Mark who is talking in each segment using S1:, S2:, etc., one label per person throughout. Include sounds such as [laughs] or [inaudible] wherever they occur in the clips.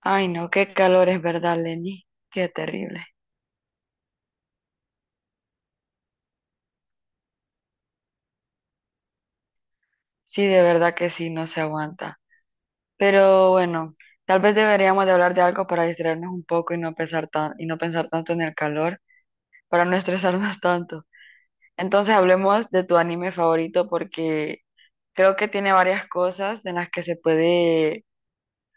S1: Ay, no, qué calor, es verdad, Lenny. Qué terrible. Sí, de verdad que sí, no se aguanta. Pero bueno, tal vez deberíamos de hablar de algo para distraernos un poco y no pensar tanto en el calor, para no estresarnos [laughs] tanto. Entonces hablemos de tu anime favorito porque creo que tiene varias cosas en las que se puede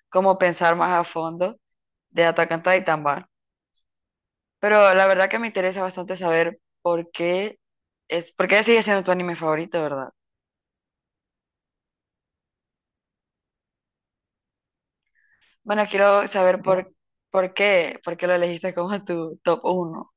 S1: como pensar más a fondo de Attack on Titan, va. Pero la verdad que me interesa bastante saber por qué sigue siendo tu anime favorito, ¿verdad? Bueno, quiero saber por qué lo elegiste como tu top uno.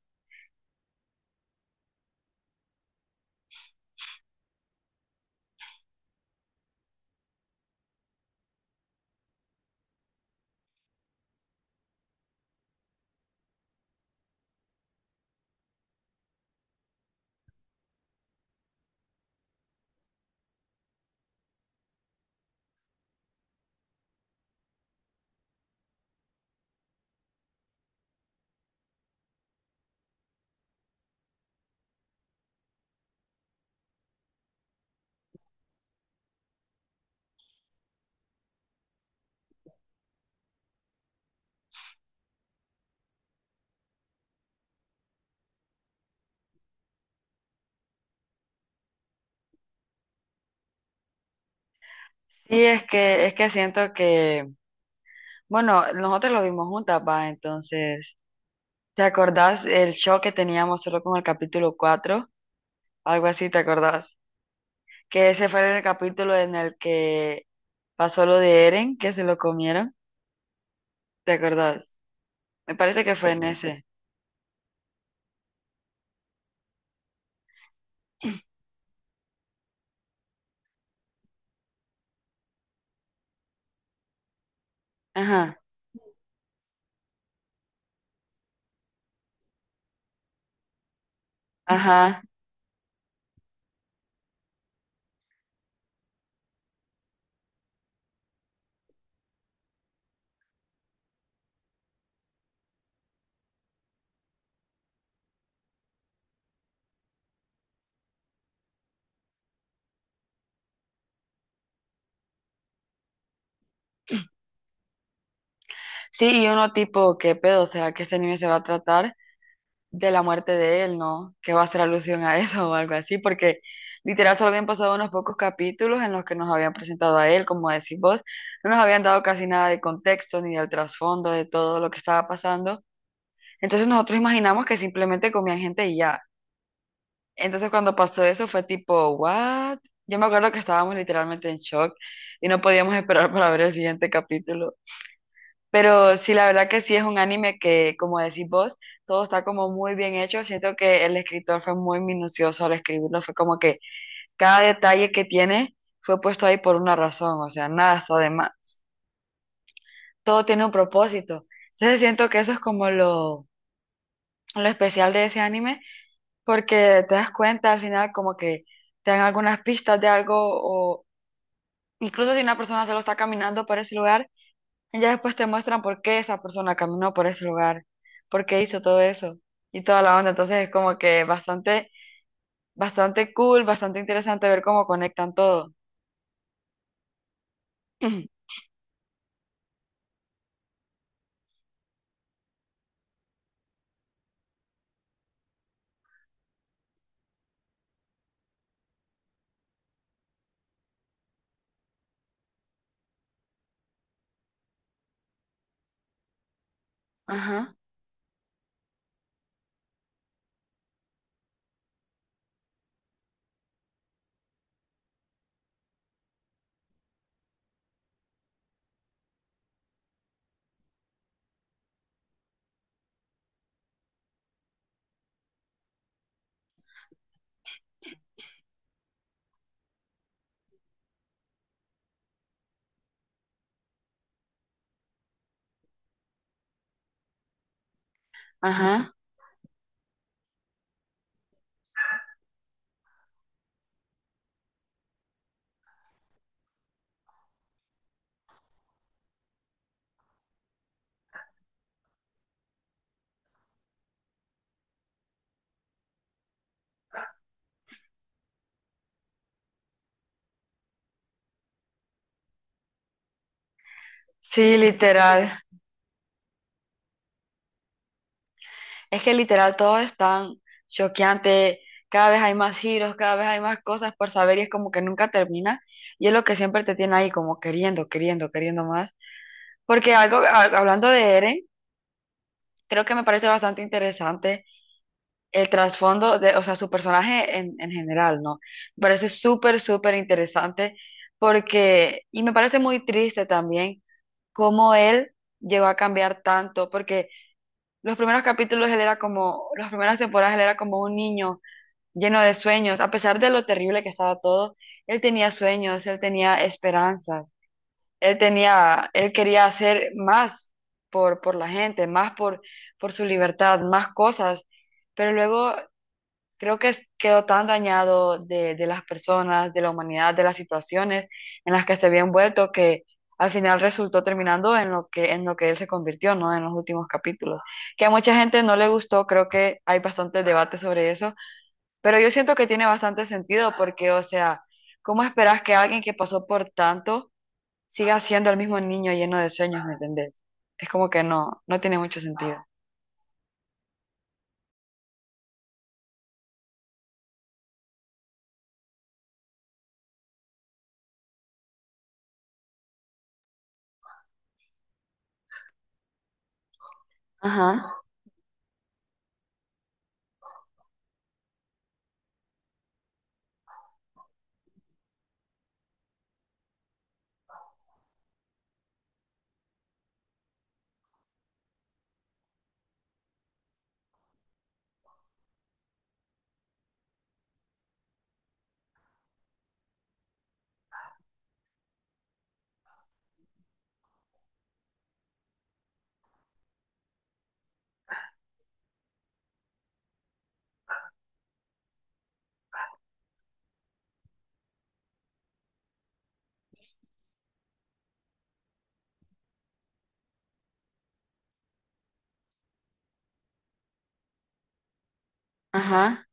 S1: Sí, es que siento que, bueno, nosotros lo vimos juntas, va, entonces, ¿te acordás el show que teníamos solo con el capítulo 4? Algo así, ¿te acordás? Que ese fue el capítulo en el que pasó lo de Eren, que se lo comieron, ¿te acordás? Me parece que fue en ese. Ajá, ajá. Sí, y uno tipo, ¿qué pedo? ¿Será que este anime se va a tratar de la muerte de él, ¿no? Que va a hacer alusión a eso [laughs] o algo así, porque literal solo habían pasado unos pocos capítulos en los que nos habían presentado a él, como decís vos, no nos habían dado casi nada de contexto ni del trasfondo de todo lo que estaba pasando. Entonces nosotros imaginamos que simplemente comían gente y ya. Entonces cuando pasó eso fue tipo, ¿what? Yo me acuerdo que estábamos literalmente en shock y no podíamos esperar [laughs] para ver el siguiente capítulo. Pero sí, la verdad que sí, es un anime que, como decís vos, todo está como muy bien hecho. Siento que el escritor fue muy minucioso al escribirlo. Fue como que cada detalle que tiene fue puesto ahí por una razón. O sea, nada está de más. Todo tiene un propósito. Entonces siento que eso es como lo especial de ese anime, porque te das cuenta al final como que te dan algunas pistas de algo o incluso si una persona solo está caminando por ese lugar. Ya después te muestran por qué esa persona caminó por ese lugar, por qué hizo todo eso y toda la onda. Entonces es como que bastante, bastante cool, bastante interesante ver cómo conectan todo. [clears throat] Ajá, ajá. Sí, literal. Es que literal todo es tan choqueante. Cada vez hay más giros, cada vez hay más cosas por saber y es como que nunca termina. Y es lo que siempre te tiene ahí como queriendo, queriendo, queriendo más. Porque algo, hablando de Eren, creo que me parece bastante interesante el trasfondo de, o sea, su personaje en general, ¿no? Me parece súper, súper interesante porque, y me parece muy triste también cómo él llegó a cambiar tanto, porque los primeros capítulos él era como, las primeras temporadas él era como un niño lleno de sueños, a pesar de lo terrible que estaba todo, él tenía sueños, él tenía esperanzas, él quería hacer más por la gente, por su libertad, más cosas, pero luego creo que quedó tan dañado de las personas, de la humanidad, de las situaciones en las que se había envuelto que al final resultó terminando en lo que él se convirtió, ¿no? En los últimos capítulos. Que a mucha gente no le gustó, creo que hay bastante debate sobre eso, pero yo siento que tiene bastante sentido porque, o sea, ¿cómo esperas que alguien que pasó por tanto siga siendo el mismo niño lleno de sueños? ¿Me entendés? Es como que no, no tiene mucho sentido. Ajá, ajá.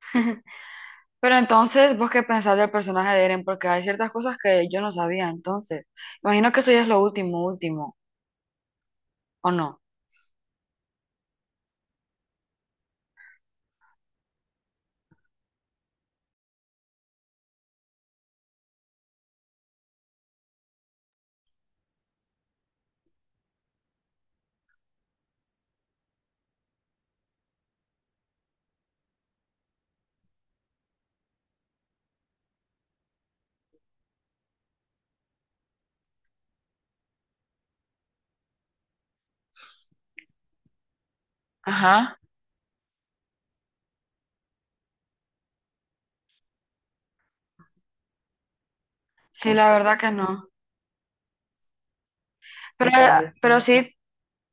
S1: [laughs] Pero entonces, ¿vos qué pensás del personaje de Eren? Porque hay ciertas cosas que yo no sabía, entonces. Imagino que eso ya es lo último, último, ¿o no? Ajá. Sí, la verdad que no. Pero, pero sí,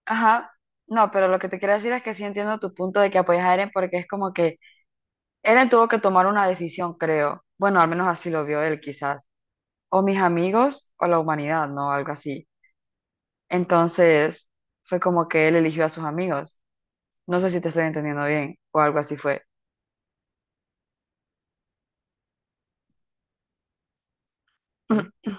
S1: ajá. No, pero lo que te quiero decir es que sí entiendo tu punto de que apoyas a Eren, porque es como que Eren tuvo que tomar una decisión, creo. Bueno, al menos así lo vio él, quizás. O mis amigos o la humanidad, ¿no? Algo así. Entonces, fue como que él eligió a sus amigos. No sé si te estoy entendiendo bien o algo así fue. [clears throat]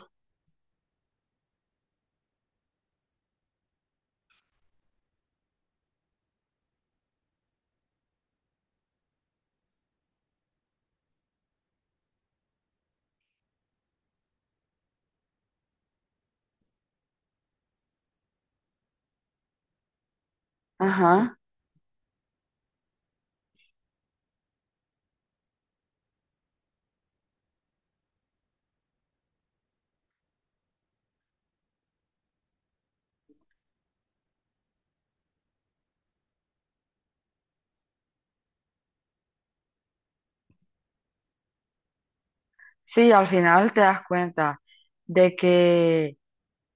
S1: Ajá. Sí, al final te das cuenta de que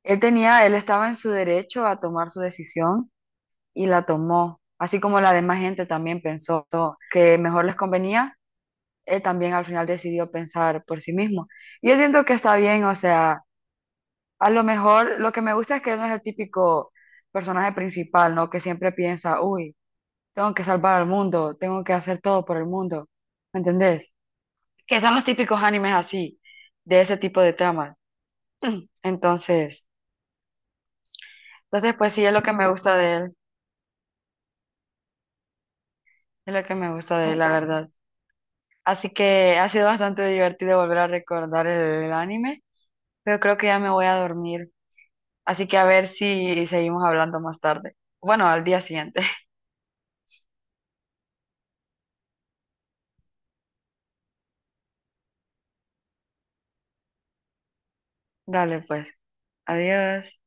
S1: él tenía, él estaba en su derecho a tomar su decisión y la tomó, así como la demás gente también pensó que mejor les convenía, él también al final decidió pensar por sí mismo. Y yo siento que está bien, o sea, a lo mejor lo que me gusta es que no es el típico personaje principal, ¿no? Que siempre piensa, uy, tengo que salvar al mundo, tengo que hacer todo por el mundo, ¿me entendés? Que son los típicos animes así, de ese tipo de tramas. [clears throat] Entonces, entonces pues sí, es lo que me gusta de él, es lo que me gusta de él, la verdad. Así que ha sido bastante divertido volver a recordar el anime, pero creo que ya me voy a dormir. Así que a ver si seguimos hablando más tarde. Bueno, al día siguiente. [laughs] Dale pues. Adiós.